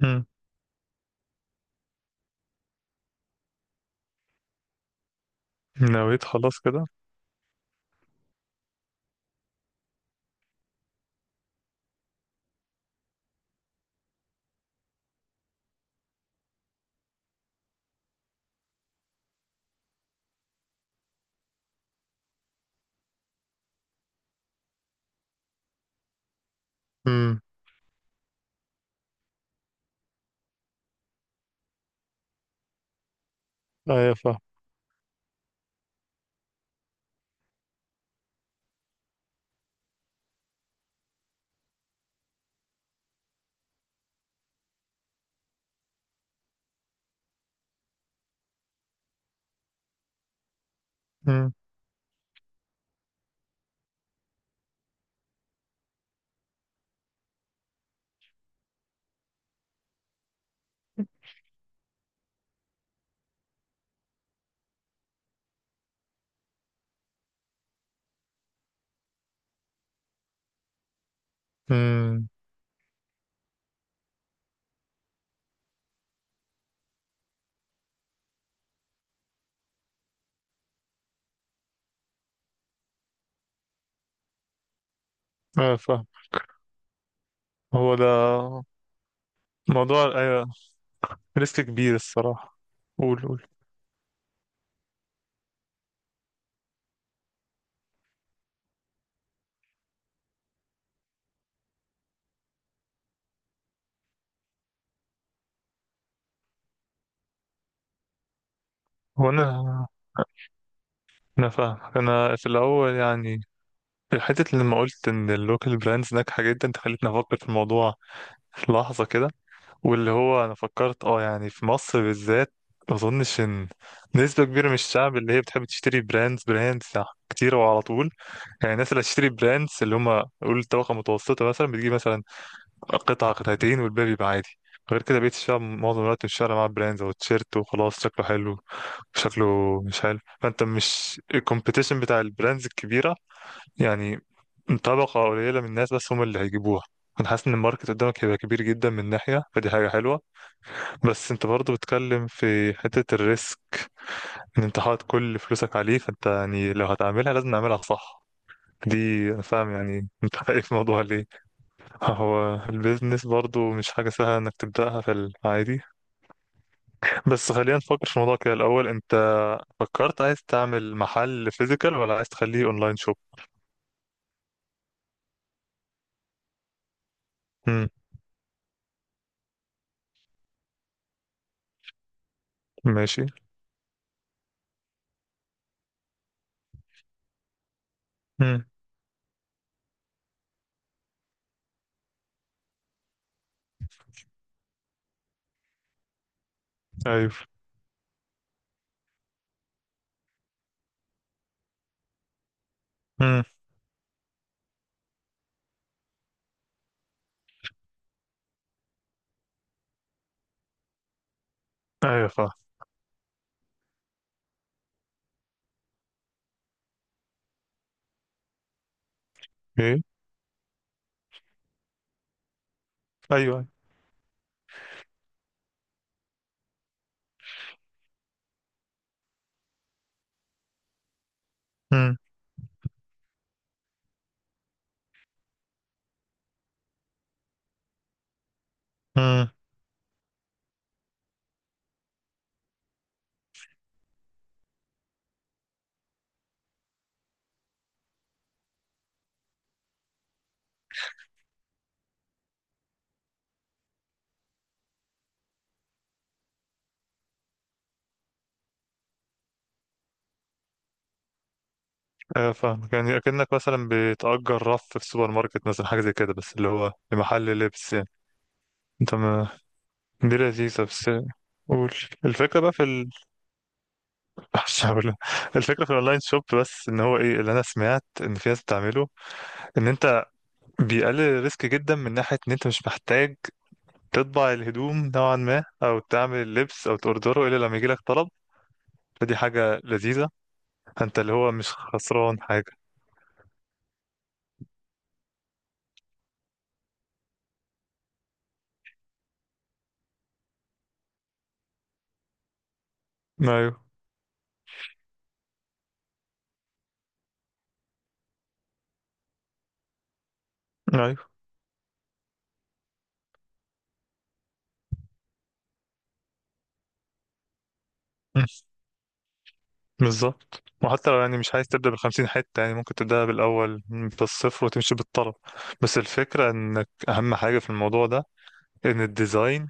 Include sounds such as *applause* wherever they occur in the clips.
مم. نويت خلاص كده. امم، ايوه فاهم. امم. امم، ايوه فاهم. هو ده موضوع، ايوه ريسك كبير الصراحه. قول قول. هو انا فاهم. انا في الاول يعني، في الحته اللي لما قلت ان اللوكال براندز ناجحه جدا انت خليتني افكر في الموضوع في لحظه كده، واللي هو انا فكرت اه يعني في مصر بالذات ما اظنش ان نسبه كبيره من الشعب اللي هي بتحب تشتري براندز براندز كتير وعلى طول. يعني الناس اللي هتشتري براندز، اللي هم قول طبقه متوسطه مثلا، بتجيب مثلا قطعه قطعتين والباقي بيبقى عادي. غير كده بقيت الشعب معظم الوقت مش فارق معاه براندز او تيشيرت وخلاص شكله حلو شكله مش حلو، فانت مش الكومبيتيشن بتاع البراندز الكبيره يعني، طبقه قليله من الناس بس هم اللي هيجيبوها. انا حاسس ان الماركت قدامك هيبقى كبير جدا من ناحيه، فدي حاجه حلوه. بس انت برضو بتتكلم في حتة الريسك ان انت حاطط كل فلوسك عليه، فانت يعني لو هتعملها لازم نعملها صح دي. انا فاهم يعني انت *laughs* خايف من الموضوع ليه. هو البيزنس برضو مش حاجة سهلة انك تبدأها في العادي. بس خلينا نفكر في الموضوع كده الاول، انت فكرت عايز تعمل محل فيزيكال ولا عايز تخليه اونلاين شوب؟ امم. ماشي. امم. ايوه. امم. ايوه فاهم. ايه. ايوه. امم. فاهمك، يعني أكنك مثلا بتأجر رف في السوبر ماركت مثلا، حاجة زي كده بس اللي هو لمحل لبس يعني. انت ما دي لذيذة، بس قول. الفكرة بقى في *laughs* مش هقول. الفكرة في الأونلاين شوب بس إن هو إيه اللي أنا سمعت إن في ناس بتعمله، إن أنت بيقلل ريسك جدا من ناحية إن أنت مش محتاج تطبع الهدوم نوعا ما أو تعمل اللبس أو تأوردره إلا لما يجيلك طلب. فدي حاجة لذيذة، أنت اللي هو مش خسران حاجة. أيوه. أيوه بالظبط، وحتى لو يعني مش عايز تبدأ بالخمسين حتة يعني ممكن تبدأ بالأول بالصفر وتمشي بالطلب. بس الفكرة إنك أهم حاجة في الموضوع ده إن الديزاين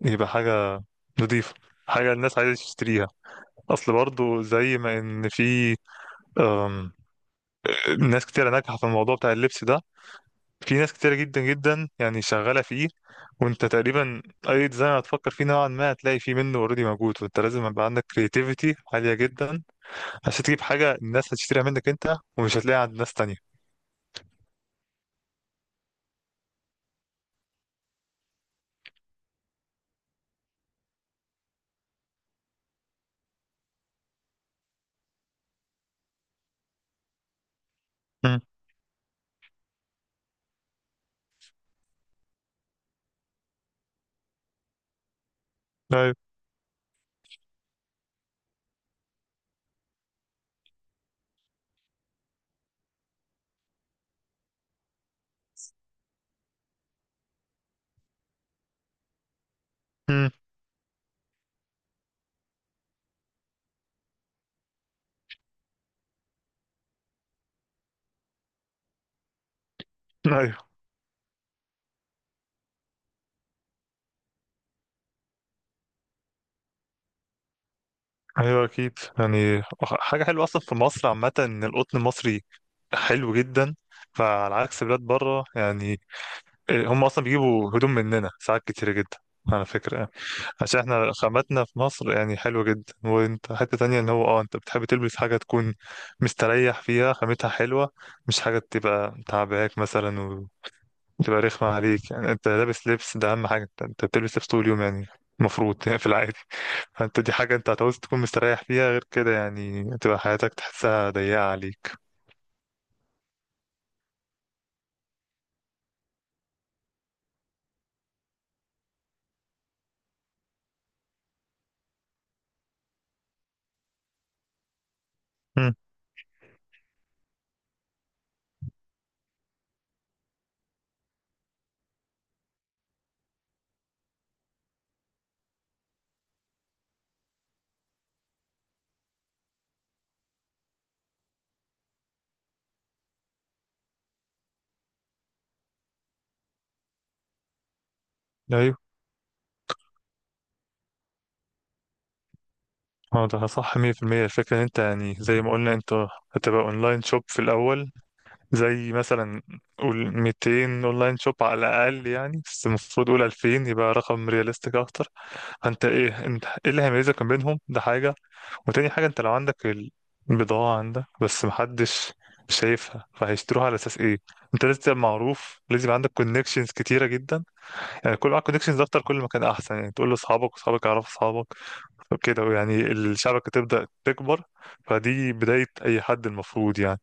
يبقى حاجة نضيفة، حاجة الناس عايزة تشتريها. أصل برضو زي ما إن في أم، ناس كتيرة ناجحة في الموضوع بتاع اللبس ده. في ناس كتيرة جدا جدا يعني شغالة فيه، وانت تقريبا أي ديزاين هتفكر فيه نوعا ما هتلاقي فيه منه اوريدي موجود، وانت لازم يبقى عندك كرياتيفيتي عالية جدا عشان تجيب حاجة الناس هتشتريها منك أنت ومش هتلاقيها عند ناس تانية. مم. أيوه. مم. *laughs* أيوه. أيوه أكيد، يعني حاجة حلوة أصلا في مصر عامة إن القطن المصري حلو جدا. فعلى عكس بلاد بره يعني هم أصلا بيجيبوا هدوم مننا ساعات كتيرة جدا، على فكرة يعني، عشان احنا خاماتنا في مصر يعني حلوة جدا. وانت حتة تانية ان هو اه انت بتحب تلبس حاجة تكون مستريح فيها خامتها حلوة، مش حاجة تبقى تعباك مثلا، تبقى رخمة عليك. يعني انت لابس لبس ده اهم حاجة، انت بتلبس لبس طول اليوم يعني، المفروض يعني في العادي. فانت دي حاجة انت هتعوز تكون مستريح فيها، غير كده يعني تبقى حياتك تحسها ضيقة عليك. امم. ايوه. هو ده صح 100%. الفكرة ان انت يعني زي ما قلنا انت هتبقى اونلاين شوب في الاول، زي مثلا قول 200 اونلاين شوب على الاقل يعني، بس المفروض قول 2000 يبقى رقم رياليستيك اكتر. فانت ايه، انت ايه اللي هيميزك ما بينهم، ده حاجة. وتاني حاجة انت لو عندك البضاعة عندك بس محدش شايفها فهيشتروها على اساس ايه؟ انت لازم تبقى معروف، لازم يبقى عندك كونكشنز كتيرة جدا. يعني كل معاك كونكشنز اكتر كل ما كان احسن، يعني تقول لاصحابك واصحابك يعرفوا اصحابك وكده، يعني الشبكة تبدأ تكبر. فدي بداية اي حد المفروض يعني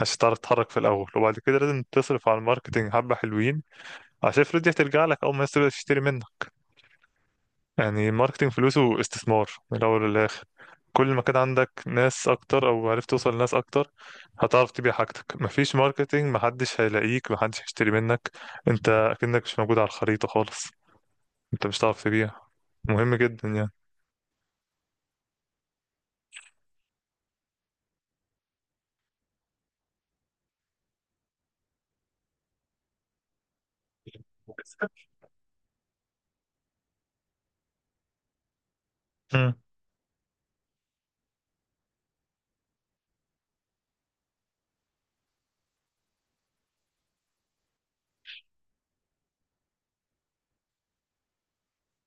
عشان تعرف تتحرك في الاول. وبعد كده لازم تصرف على الماركتنج حبة حلوين، عشان الفلوس دي هترجع لك اول ما الناس تبدأ تشتري منك. يعني الماركتينج فلوسه استثمار من الأول للآخر. كل ما كان عندك ناس أكتر أو عرفت توصل لناس أكتر هتعرف تبيع حاجتك. مفيش ماركتينج، محدش هيلاقيك، محدش هيشتري منك، أنت أكنك مش موجود على الخريطة خالص، أنت مش هتعرف تبيع. مهم جدا يعني. مم.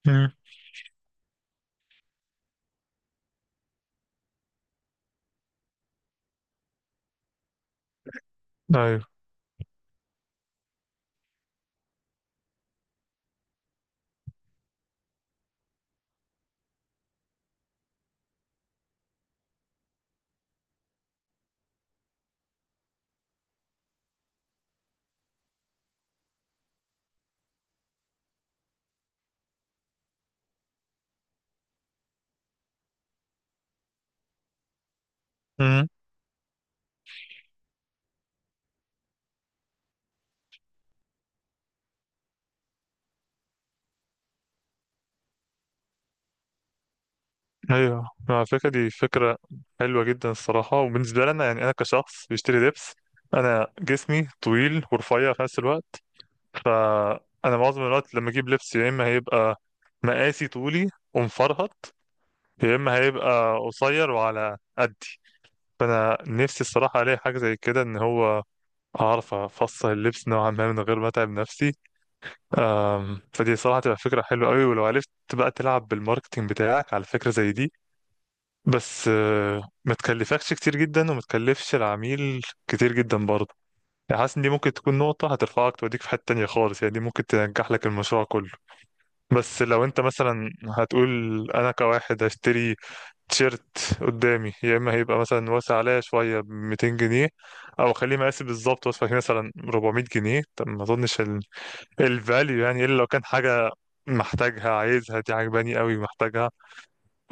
مم. أيوه. مم. أيوه على فكرة، دي فكرة حلوة جدا الصراحة. وبالنسبة لنا يعني أنا كشخص بيشتري لبس، أنا جسمي طويل ورفيع في نفس الوقت، فانا معظم الوقت لما اجيب لبس يا اما هيبقى مقاسي طولي ومفرهط، يا اما هيبقى قصير وعلى قدي. فانا نفسي الصراحه الاقي حاجه زي كده ان هو اعرف افصل اللبس نوعا ما من غير ما اتعب نفسي. فدي صراحه تبقى فكره حلوه قوي، ولو عرفت بقى تلعب بالماركتينج بتاعك على فكره زي دي، بس ما تكلفكش كتير جدا وما تكلفش العميل كتير جدا برضه، يعني حاسس ان دي ممكن تكون نقطه هترفعك توديك في حته تانية خالص، يعني دي ممكن تنجح لك المشروع كله. بس لو انت مثلا هتقول انا كواحد هشتري تيشيرت قدامي يا اما هيبقى مثلا واسع عليا شويه ب 200 جنيه، او اخليه مقاسي بالظبط واسع فيه مثلا 400 جنيه، طب ما اظنش الفاليو يعني الا لو كان حاجه محتاجها عايزها، دي عجباني قوي محتاجها،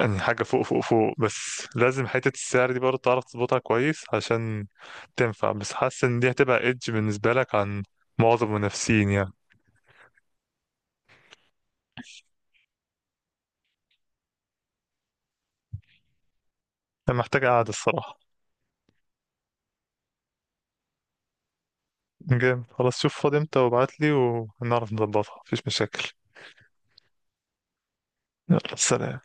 يعني حاجه فوق فوق فوق. بس لازم حته السعر دي برضه تعرف تظبطها كويس عشان تنفع. بس حاسس ان دي هتبقى ايدج بالنسبه لك عن معظم المنافسين يعني. انا محتاج قاعده الصراحه. جامد خلاص، شوف فاضي امتى وابعتلي وهنعرف نظبطها، مفيش مشاكل. يلا سلام.